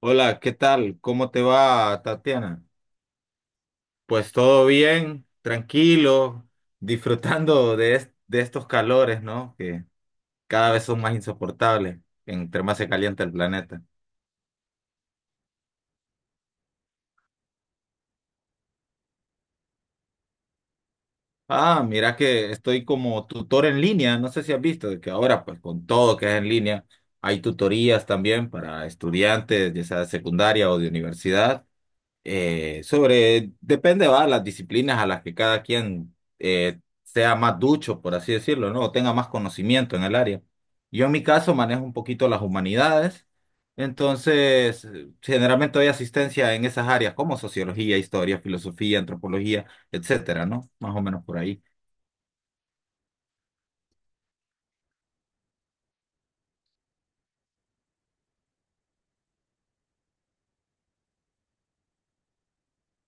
Hola, ¿qué tal? ¿Cómo te va, Tatiana? Pues todo bien, tranquilo, disfrutando de, de estos calores, ¿no? Que cada vez son más insoportables entre más se calienta el planeta. Ah, mira que estoy como tutor en línea, no sé si has visto de que ahora, pues con todo que es en línea, hay tutorías también para estudiantes, ya sea de secundaria o de universidad. Sobre, depende, va, las disciplinas a las que cada quien sea más ducho, por así decirlo, ¿no? O tenga más conocimiento en el área. Yo en mi caso manejo un poquito las humanidades, entonces generalmente doy asistencia en esas áreas como sociología, historia, filosofía, antropología, etcétera, ¿no? Más o menos por ahí.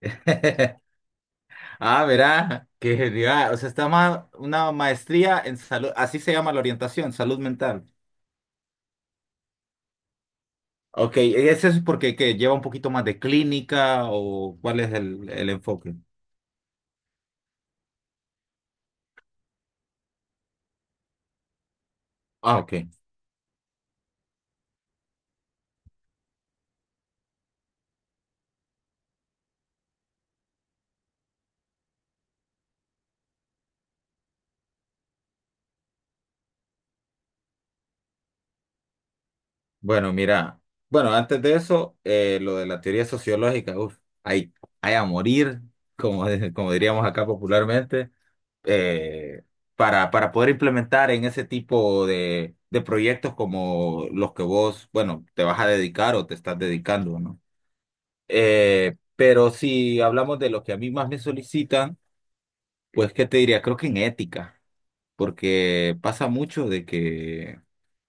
Ah, verá, qué genial. O sea, está más una maestría en salud, así se llama la orientación, salud mental. Ok, ¿ese es eso porque que lleva un poquito más de clínica o cuál es el enfoque? Ah, ok. Bueno, mira, bueno, antes de eso, lo de la teoría sociológica, uf, hay, hay a morir, como, como diríamos acá popularmente, eh, para poder implementar en ese tipo de proyectos como los que vos, bueno, te vas a dedicar o te estás dedicando, ¿no? Pero si hablamos de lo que a mí más me solicitan, pues, ¿qué te diría? Creo que en ética. Porque pasa mucho de que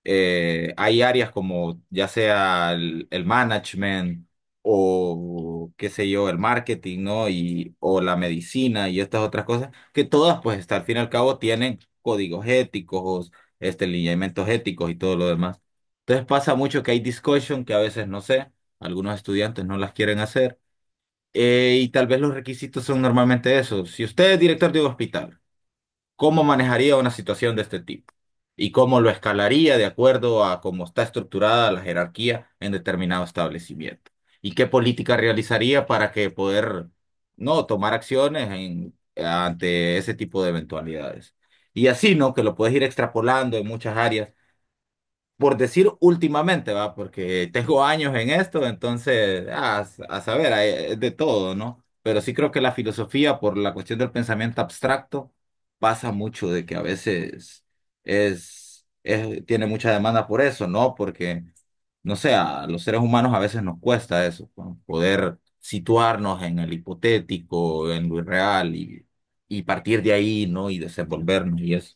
hay áreas como ya sea el management o qué sé yo, el marketing, ¿no? Y, o la medicina y estas otras cosas, que todas pues hasta al fin y al cabo tienen códigos éticos, este, lineamientos éticos y todo lo demás. Entonces pasa mucho que hay discussion que a veces no sé, algunos estudiantes no las quieren hacer. Y tal vez los requisitos son normalmente esos. Si usted es director de un hospital, ¿cómo manejaría una situación de este tipo? ¿Y cómo lo escalaría de acuerdo a cómo está estructurada la jerarquía en determinado establecimiento? ¿Y qué política realizaría para que poder no tomar acciones ante ese tipo de eventualidades? Y así, ¿no? Que lo puedes ir extrapolando en muchas áreas por decir últimamente, va, porque tengo años en esto, entonces, ah, a, saber, es de todo, ¿no? Pero sí creo que la filosofía, por la cuestión del pensamiento abstracto, pasa mucho de que a veces tiene mucha demanda por eso, ¿no? Porque, no sé, a los seres humanos a veces nos cuesta eso, ¿no? Poder situarnos en el hipotético, en lo irreal y partir de ahí, ¿no? Y desenvolvernos y eso.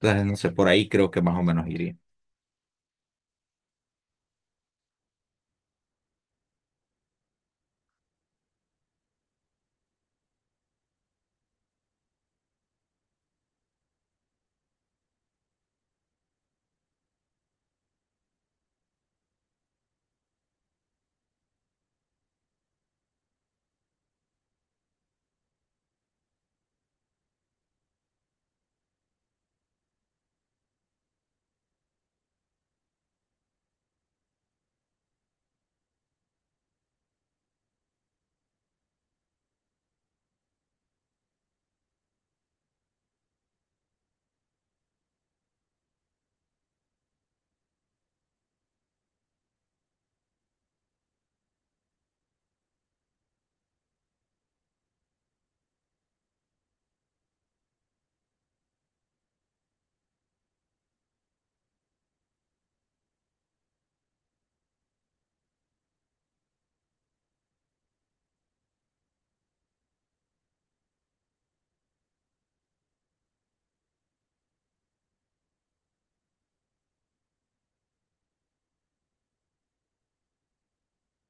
Entonces, no sé, por ahí creo que más o menos iría.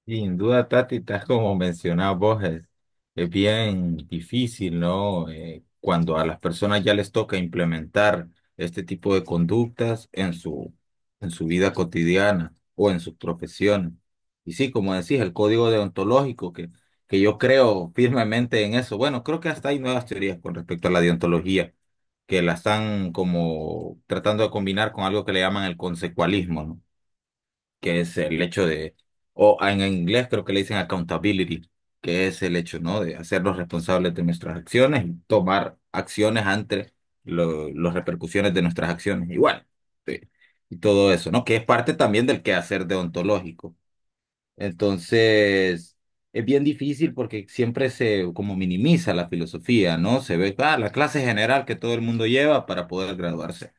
Sin duda, Tati, tal como mencionabas vos, es bien difícil, ¿no? Cuando a las personas ya les toca implementar este tipo de conductas en su vida cotidiana o en sus profesiones. Y sí, como decís, el código deontológico, que yo creo firmemente en eso. Bueno, creo que hasta hay nuevas teorías con respecto a la deontología, que la están como tratando de combinar con algo que le llaman el consecualismo, ¿no? Que es el hecho de, o en inglés creo que le dicen accountability, que es el hecho, ¿no? De hacernos responsables de nuestras acciones y tomar acciones ante las repercusiones de nuestras acciones. Igual, sí, y todo eso, ¿no? Que es parte también del quehacer deontológico. Entonces, es bien difícil porque siempre se como minimiza la filosofía, ¿no? Se ve, ah, la clase general que todo el mundo lleva para poder graduarse.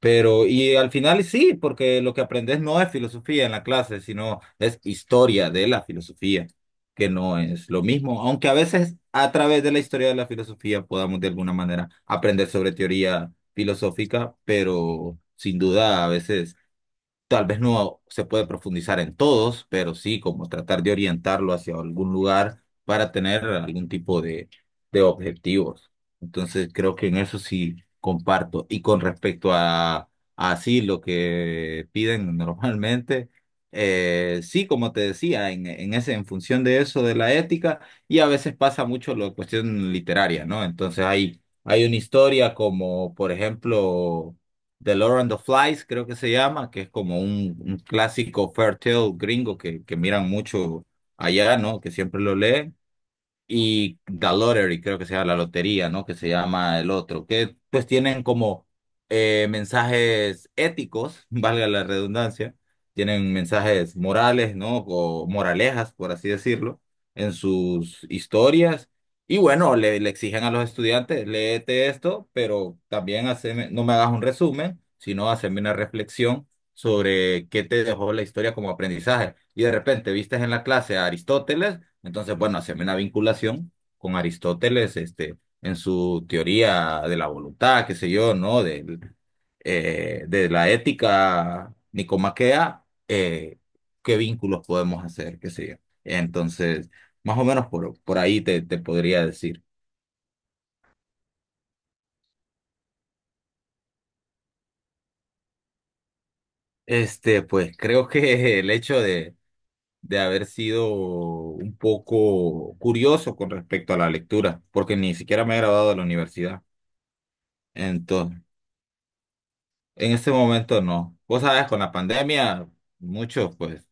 Pero, y al final sí, porque lo que aprendes no es filosofía en la clase, sino es historia de la filosofía, que no es lo mismo, aunque a veces a través de la historia de la filosofía podamos de alguna manera aprender sobre teoría filosófica, pero sin duda a veces tal vez no se puede profundizar en todos, pero sí como tratar de orientarlo hacia algún lugar para tener algún tipo de objetivos. Entonces creo que en eso sí comparto. Y con respecto a así lo que piden normalmente, sí, como te decía, en ese, en función de eso, de la ética, y a veces pasa mucho la cuestión literaria, ¿no? Entonces hay una historia como, por ejemplo The Lord and the Flies, creo que se llama, que es como un clásico Fairtale gringo que miran mucho allá, ¿no? Que siempre lo leen y The Lottery, creo que se llama la lotería, ¿no? Que se llama el otro, que pues tienen como mensajes éticos, valga la redundancia, tienen mensajes morales, ¿no? O moralejas, por así decirlo, en sus historias. Y bueno, le exigen a los estudiantes, léete esto, pero también haceme, no me hagas un resumen, sino haceme una reflexión sobre qué te dejó la historia como aprendizaje. Y de repente vistes en la clase a Aristóteles entonces, bueno, se ve una vinculación con Aristóteles, este, en su teoría de la voluntad, qué sé yo, ¿no? Del, de la ética nicomaquea, qué vínculos podemos hacer, qué sé yo. Entonces, más o menos por ahí te podría decir. Este, pues creo que el hecho de haber sido un poco curioso con respecto a la lectura, porque ni siquiera me he graduado de la universidad. Entonces en este momento no. Vos sabes, con la pandemia, muchos, pues,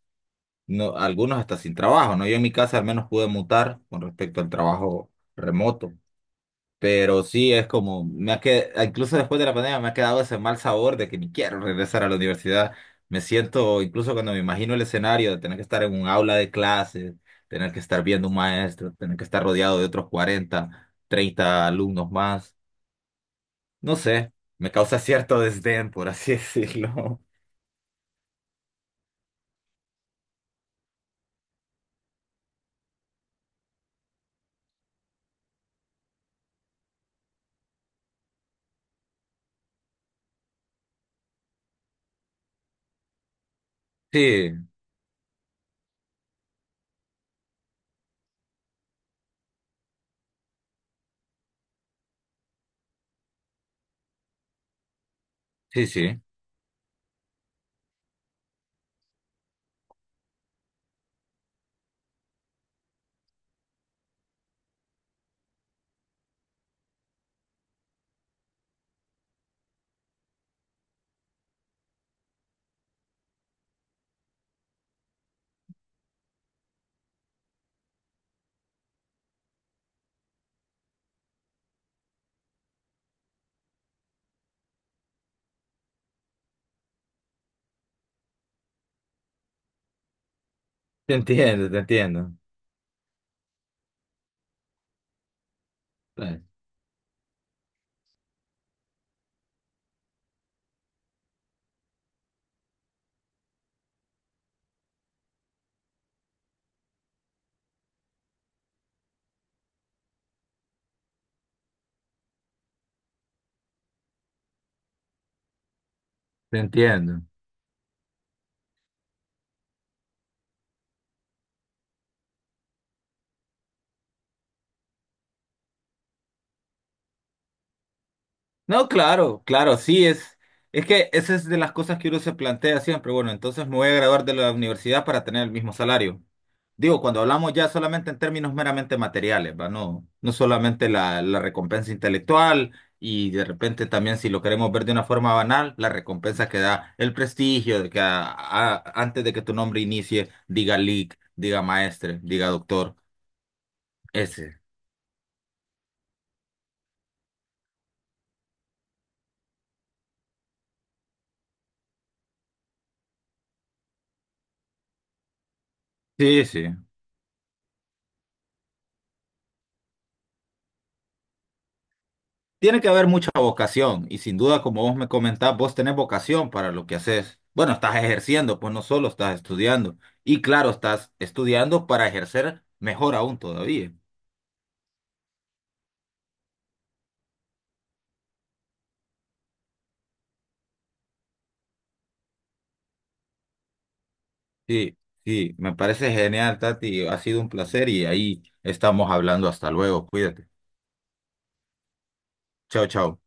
no, algunos hasta sin trabajo, ¿no? Yo en mi casa al menos pude mutar con respecto al trabajo remoto. Pero sí es como, me ha quedado, incluso después de la pandemia me ha quedado ese mal sabor de que ni quiero regresar a la universidad. Me siento, incluso cuando me imagino el escenario de tener que estar en un aula de clases, tener que estar viendo un maestro, tener que estar rodeado de otros 40, 30 alumnos más. No sé, me causa cierto desdén, por así decirlo. Sí, sí, sí, te entiendo, eh, te entiendo. No, claro, claro, sí, es que esa es de las cosas que uno se plantea siempre. Bueno, entonces me voy a graduar de la universidad para tener el mismo salario. Digo, cuando hablamos ya solamente en términos meramente materiales, ¿va? No, no solamente la recompensa intelectual y de repente también si lo queremos ver de una forma banal, la recompensa que da el prestigio de que antes de que tu nombre inicie, diga Lic, diga maestre, diga doctor, ese. Sí, sí. Tiene que haber mucha vocación y sin duda, como vos me comentás, vos tenés vocación para lo que haces. Bueno, estás ejerciendo, pues no solo estás estudiando. Y claro, estás estudiando para ejercer mejor aún todavía. Sí, sí, me parece genial, Tati. Ha sido un placer y ahí estamos hablando. Hasta luego, cuídate. Chao, chao.